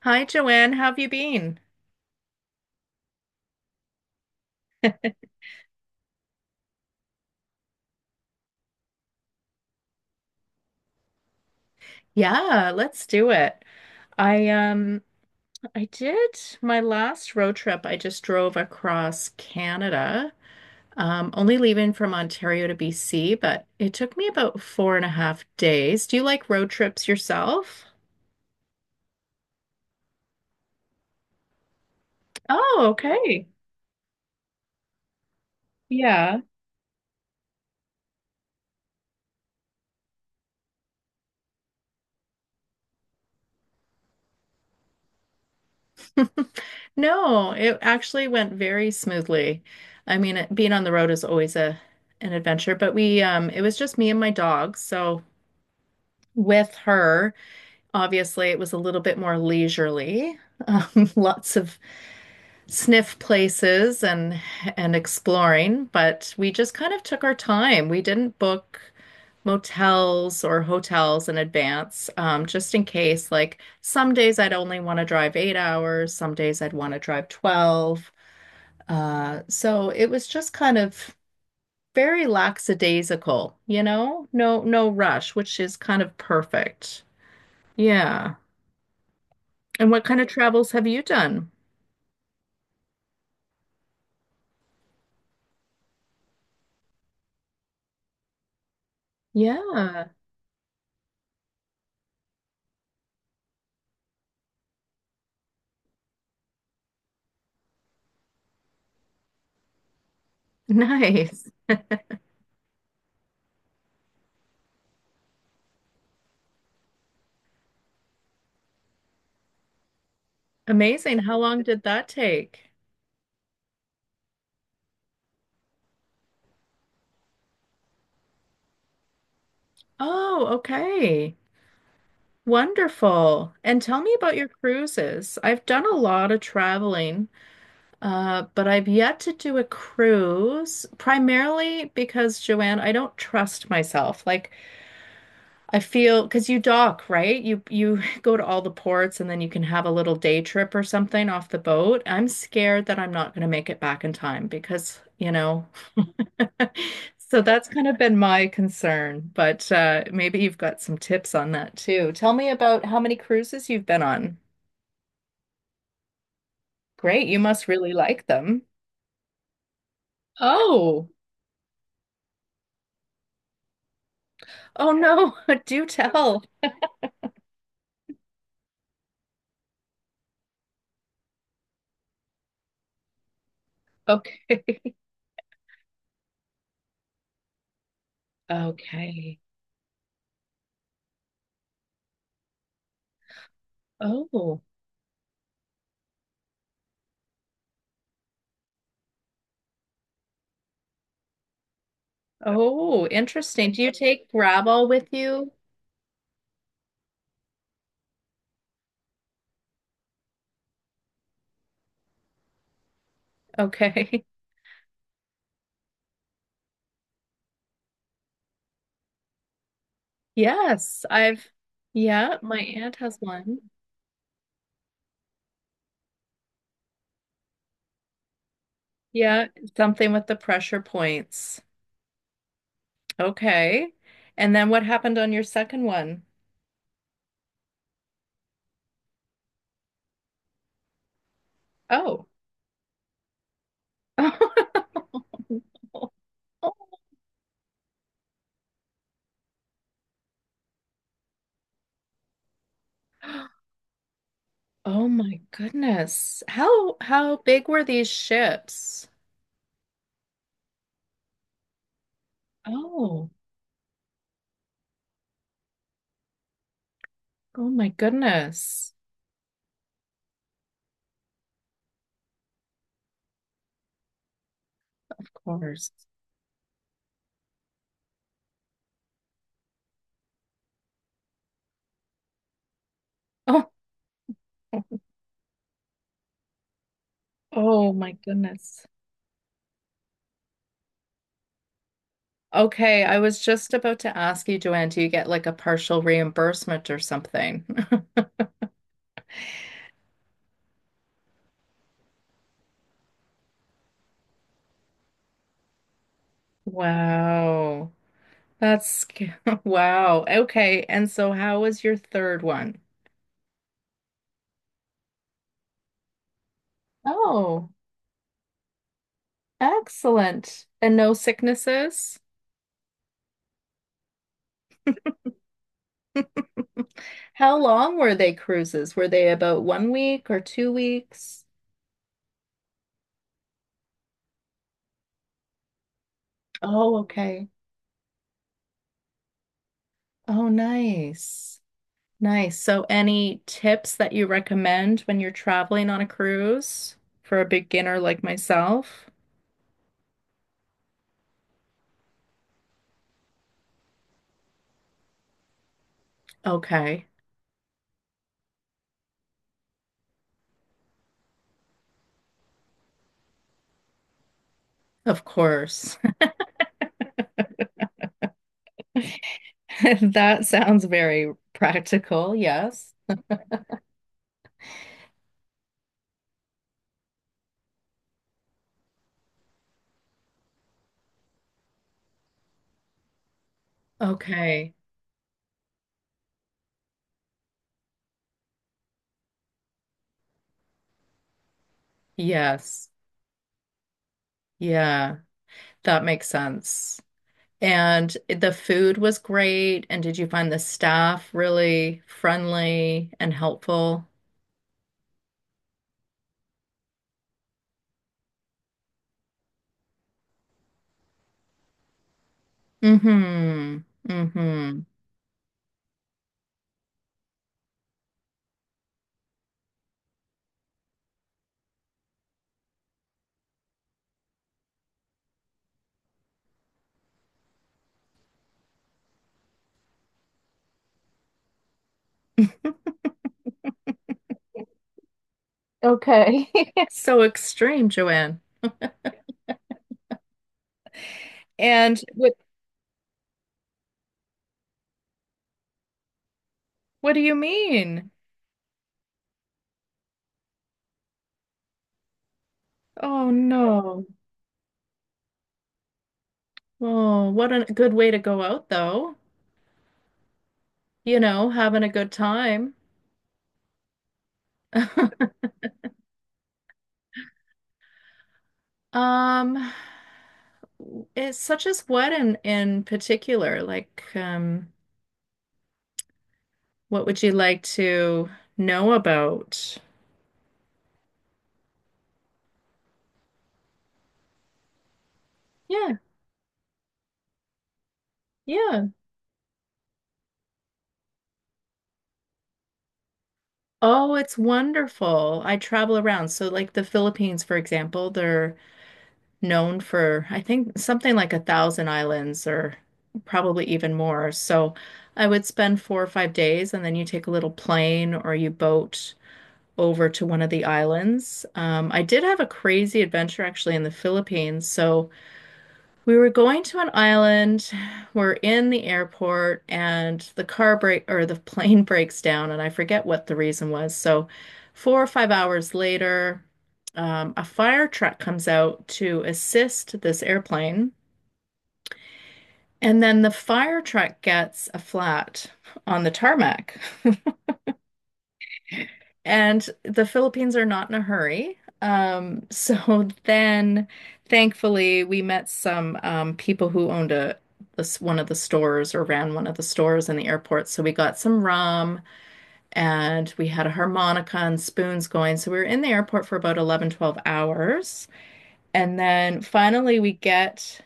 Hi, Joanne. How have you been? Yeah, let's do it. I I did my last road trip. I just drove across Canada, only leaving from Ontario to BC, but it took me about 4.5 days. Do you like road trips yourself? Oh, okay. Yeah. No, it actually went very smoothly. I mean, being on the road is always a an adventure, but we it was just me and my dog, so with her. Obviously, it was a little bit more leisurely. Lots of sniff places and exploring, but we just kind of took our time. We didn't book motels or hotels in advance, just in case. Like some days I'd only want to drive 8 hours, some days I'd want to drive 12. So it was just kind of very lackadaisical, you know? No, no rush, which is kind of perfect. Yeah. And what kind of travels have you done? Yeah, nice. Amazing. How long did that take? Oh, okay. Wonderful. And tell me about your cruises. I've done a lot of traveling, but I've yet to do a cruise, primarily because, Joanne, I don't trust myself. Like I feel because you dock, right? You go to all the ports and then you can have a little day trip or something off the boat. I'm scared that I'm not going to make it back in time because, you know, so that's kind of been my concern, but maybe you've got some tips on that too. Tell me about how many cruises you've been on. Great, you must really like them. Oh, oh no, do tell. Okay. Okay. Oh, oh, interesting. Do you take gravel with you? Okay. Yes, I've, yeah, my aunt has one. Yeah, something with the pressure points. Okay. And then what happened on your second one? Oh. Oh my goodness. How big were these ships? Oh. Oh my goodness. Of course. Oh. Oh my goodness. Okay, I was just about to ask you, Joanne, do you get like a partial reimbursement or something? Wow. That's wow. Okay, and so how was your third one? Oh, excellent. And no sicknesses? How long were they cruises? Were they about one week or 2 weeks? Oh, okay. Oh, nice. Nice. So, any tips that you recommend when you're traveling on a cruise for a beginner like myself? Okay, of course. That sounds very practical. Yes. Okay. Yes. Yeah, that makes sense. And the food was great. And did you find the staff really friendly and helpful? Mm-hmm. Mm-hmm. Okay. So extreme, Joanne. And what do you mean? Oh no. Oh, what a good way to go out though. You know, having a good time. Um, it's such as what in particular? Like, what would you like to know about? Yeah, yeah. Oh, it's wonderful. I travel around. So, like the Philippines, for example, they're known for, I think, something like a thousand islands or probably even more. So, I would spend 4 or 5 days and then you take a little plane or you boat over to one of the islands. I did have a crazy adventure actually in the Philippines. So, we were going to an island. We're in the airport and the car break or the plane breaks down and I forget what the reason was. So 4 or 5 hours later, a fire truck comes out to assist this airplane. And then the fire truck gets a flat on the tarmac. And the Philippines are not in a hurry. So then, thankfully, we met some people who owned a this one of the stores or ran one of the stores in the airport. So we got some rum and we had a harmonica and spoons going. So we were in the airport for about 11, 12 hours. And then finally we get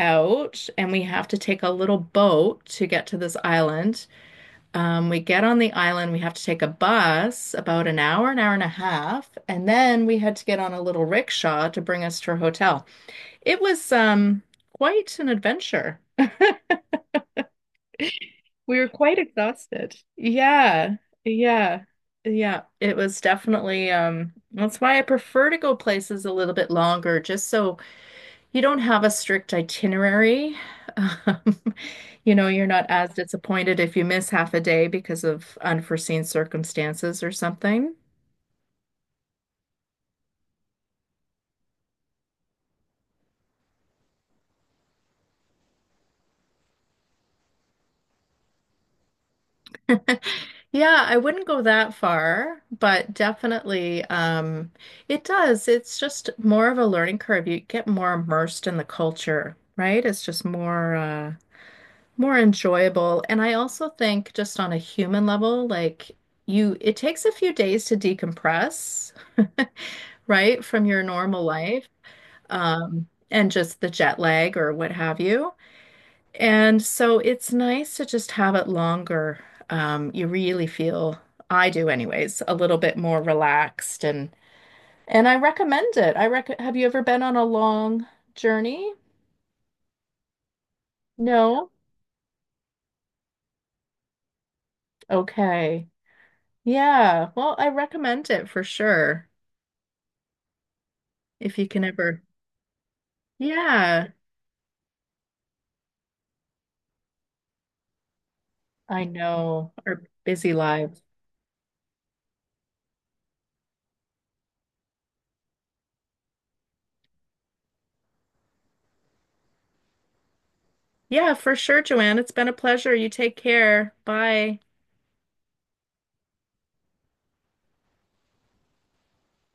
out and we have to take a little boat to get to this island. We get on the island, we have to take a bus about an hour and a half, and then we had to get on a little rickshaw to bring us to our hotel. It was quite an adventure. We were quite exhausted. Yeah, yeah, yeah. It was definitely that's why I prefer to go places a little bit longer, just so you don't have a strict itinerary. Um, you know, you're not as disappointed if you miss half a day because of unforeseen circumstances or something. Yeah, I wouldn't go that far, but definitely it does. It's just more of a learning curve. You get more immersed in the culture, right? It's just more more enjoyable. And I also think just on a human level, like it takes a few days to decompress right, from your normal life. And just the jet lag or what have you. And so it's nice to just have it longer. You really feel, I do anyways, a little bit more relaxed and I recommend it. I rec Have you ever been on a long journey? No? Okay. Yeah. Well, I recommend it for sure. If you can ever. Yeah, I know. Our busy lives. Yeah, for sure, Joanne. It's been a pleasure. You take care. Bye.